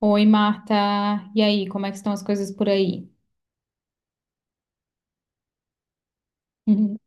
Oi, Marta. E aí, como é que estão as coisas por aí? Uhum.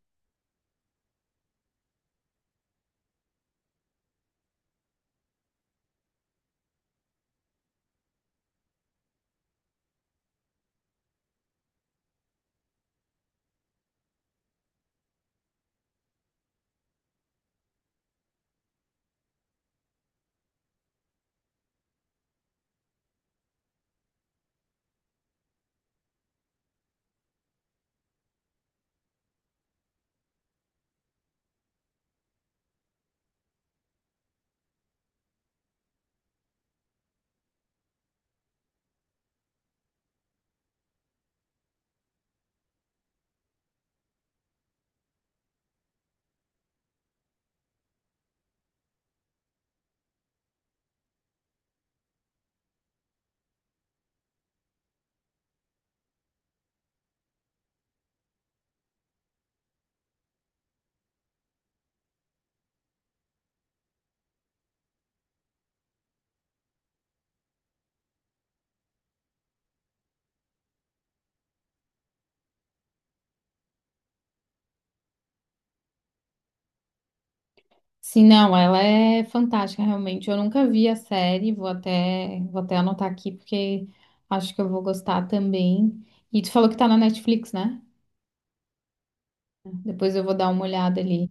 Sim, não, ela é fantástica, realmente. Eu nunca vi a série, vou até anotar aqui, porque acho que eu vou gostar também. E tu falou que tá na Netflix, né? Depois eu vou dar uma olhada ali.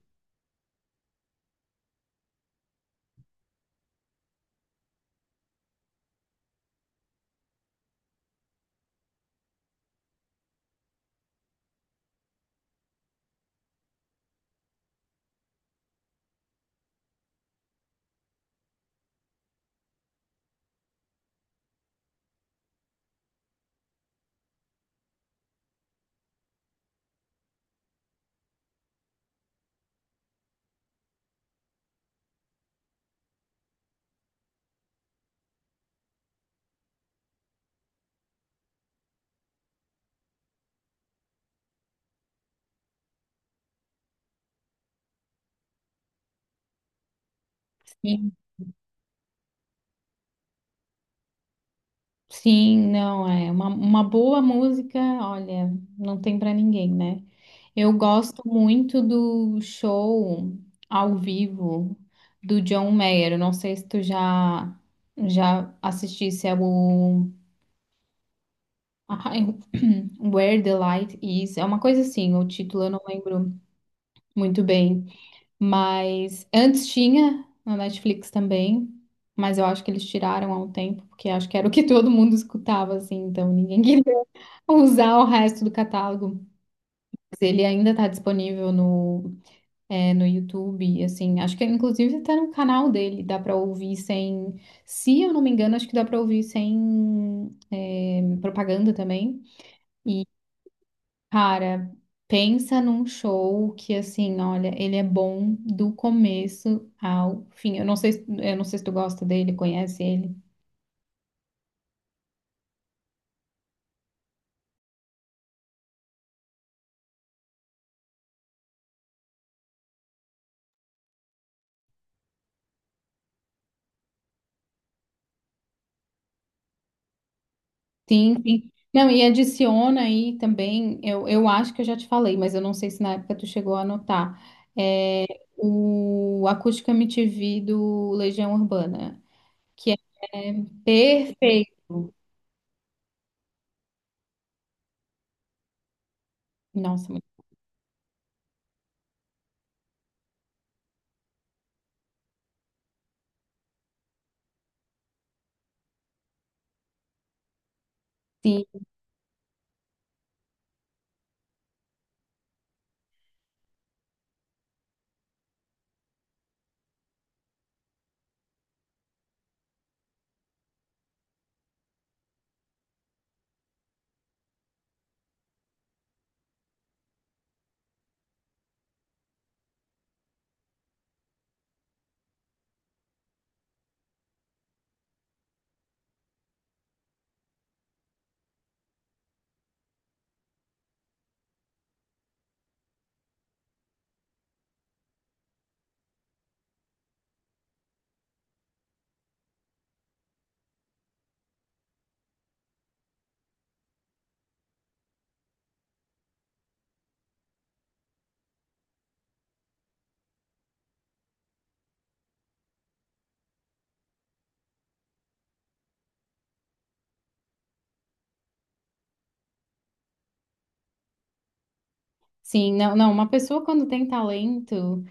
Sim. Sim, não, é uma boa música, olha, não tem pra ninguém, né? Eu gosto muito do show ao vivo do John Mayer. Eu não sei se tu já assistisse ao ai, Where the Light Is. É uma coisa assim, o título eu não lembro muito bem, mas antes tinha na Netflix também. Mas eu acho que eles tiraram há um tempo, porque acho que era o que todo mundo escutava, assim, então ninguém usar o resto do catálogo. Ele ainda está disponível no YouTube, assim, acho que inclusive até no canal dele, dá para ouvir sem, se eu não me engano, acho que dá para ouvir sem propaganda também. E, cara, pensa num show que, assim, olha, ele é bom do começo ao fim. Eu não sei, eu não sei se tu gosta dele, conhece ele. Sim, sim. Não, e adiciona aí também, eu acho que eu já te falei, mas eu não sei se na época tu chegou a anotar, é, o Acústica MTV do Legião Urbana, que é perfeito. Nossa, sim, sim, não, não, uma pessoa quando tem talento,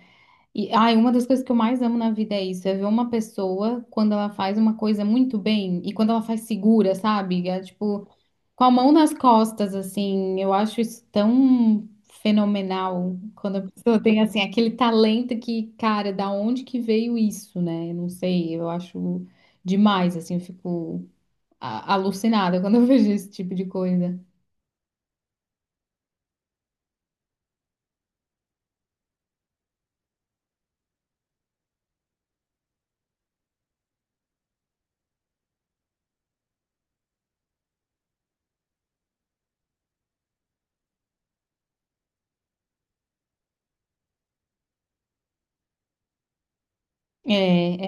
e ai, uma das coisas que eu mais amo na vida é isso, é ver uma pessoa quando ela faz uma coisa muito bem e quando ela faz segura, sabe? É, tipo, com a mão nas costas, assim, eu acho isso tão fenomenal quando a pessoa tem, assim, aquele talento que, cara, da onde que veio isso, né? Eu não sei, eu acho demais, assim, eu fico alucinada quando eu vejo esse tipo de coisa. É,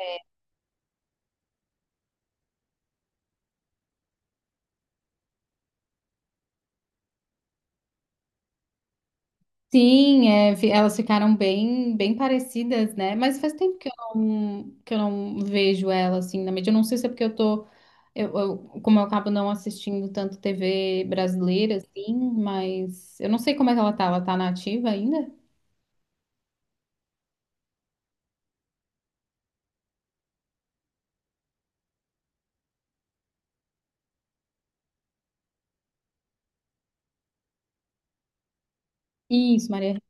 sim, elas ficaram bem, bem parecidas, né? Mas faz tempo que eu não vejo ela assim na mídia. Eu não sei se é porque eu tô, como eu acabo não assistindo tanto TV brasileira, assim, mas eu não sei como é que ela tá. Ela tá na ativa ainda? Isso, Maria.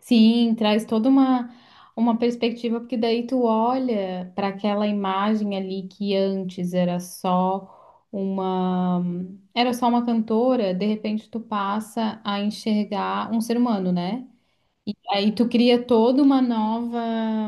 Sim, traz toda uma perspectiva, porque daí tu olha para aquela imagem ali que antes era só era só uma cantora, de repente tu passa a enxergar um ser humano, né? E aí tu cria toda uma nova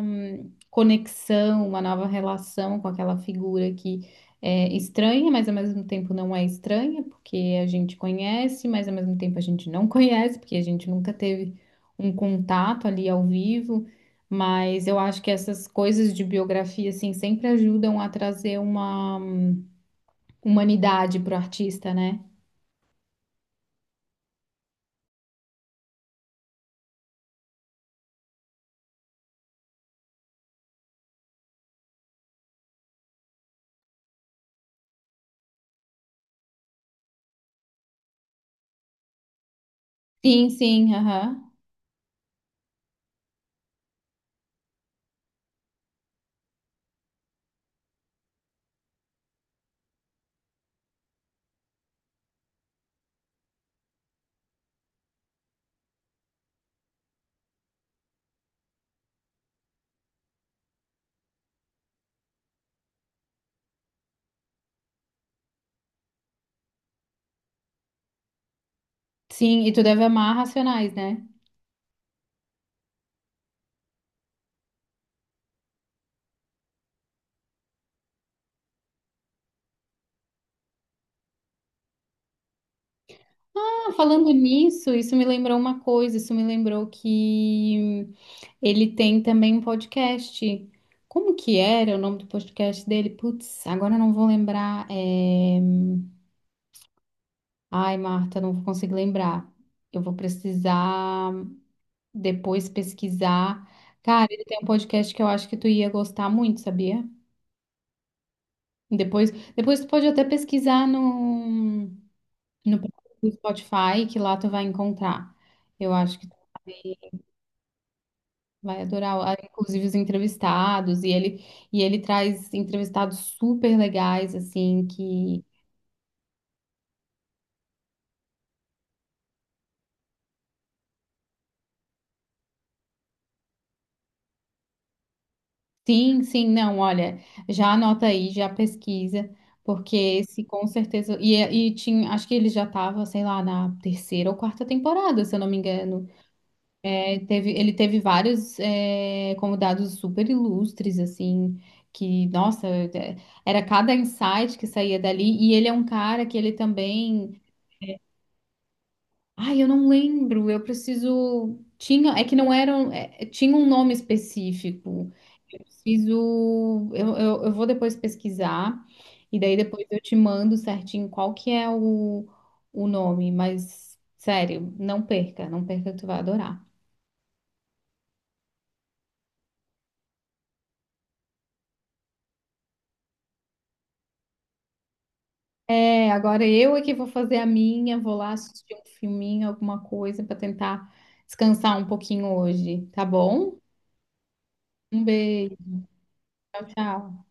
conexão, uma nova relação com aquela figura que é estranha, mas ao mesmo tempo não é estranha, porque a gente conhece, mas ao mesmo tempo a gente não conhece, porque a gente nunca teve um contato ali ao vivo. Mas eu acho que essas coisas de biografia, assim, sempre ajudam a trazer uma humanidade pro artista, né? Sim, sim, aham. Sim, e tu deve amar Racionais, né? Ah, falando nisso, isso me lembrou uma coisa, isso me lembrou que ele tem também um podcast. Como que era o nome do podcast dele? Putz, agora eu não vou lembrar. Ai, Marta, não vou conseguir lembrar. Eu vou precisar depois pesquisar. Cara, ele tem um podcast que eu acho que tu ia gostar muito, sabia? Depois, depois tu pode até pesquisar no Spotify, que lá tu vai encontrar. Eu acho que vai adorar, ah, inclusive os entrevistados, e ele traz entrevistados super legais, assim, que sim, sim, não, olha, já anota aí, já pesquisa, porque esse com certeza, e tinha, acho que ele já estava, sei lá, na terceira ou quarta temporada, se eu não me engano. É, teve, ele teve vários convidados super ilustres, assim, que, nossa, é, era cada insight que saía dali, e ele é um cara que ele também. Ai, eu não lembro. Eu preciso. Tinha. É que não eram. Tinha um nome específico. Eu preciso. Eu vou depois pesquisar. E daí depois eu te mando certinho qual que é o nome. Mas, sério, não perca. Não perca que tu vai adorar. É, agora eu é que vou fazer a minha. Vou lá assistir um filminho, alguma coisa, para tentar descansar um pouquinho hoje. Tá bom? Um beijo. Tchau, tchau.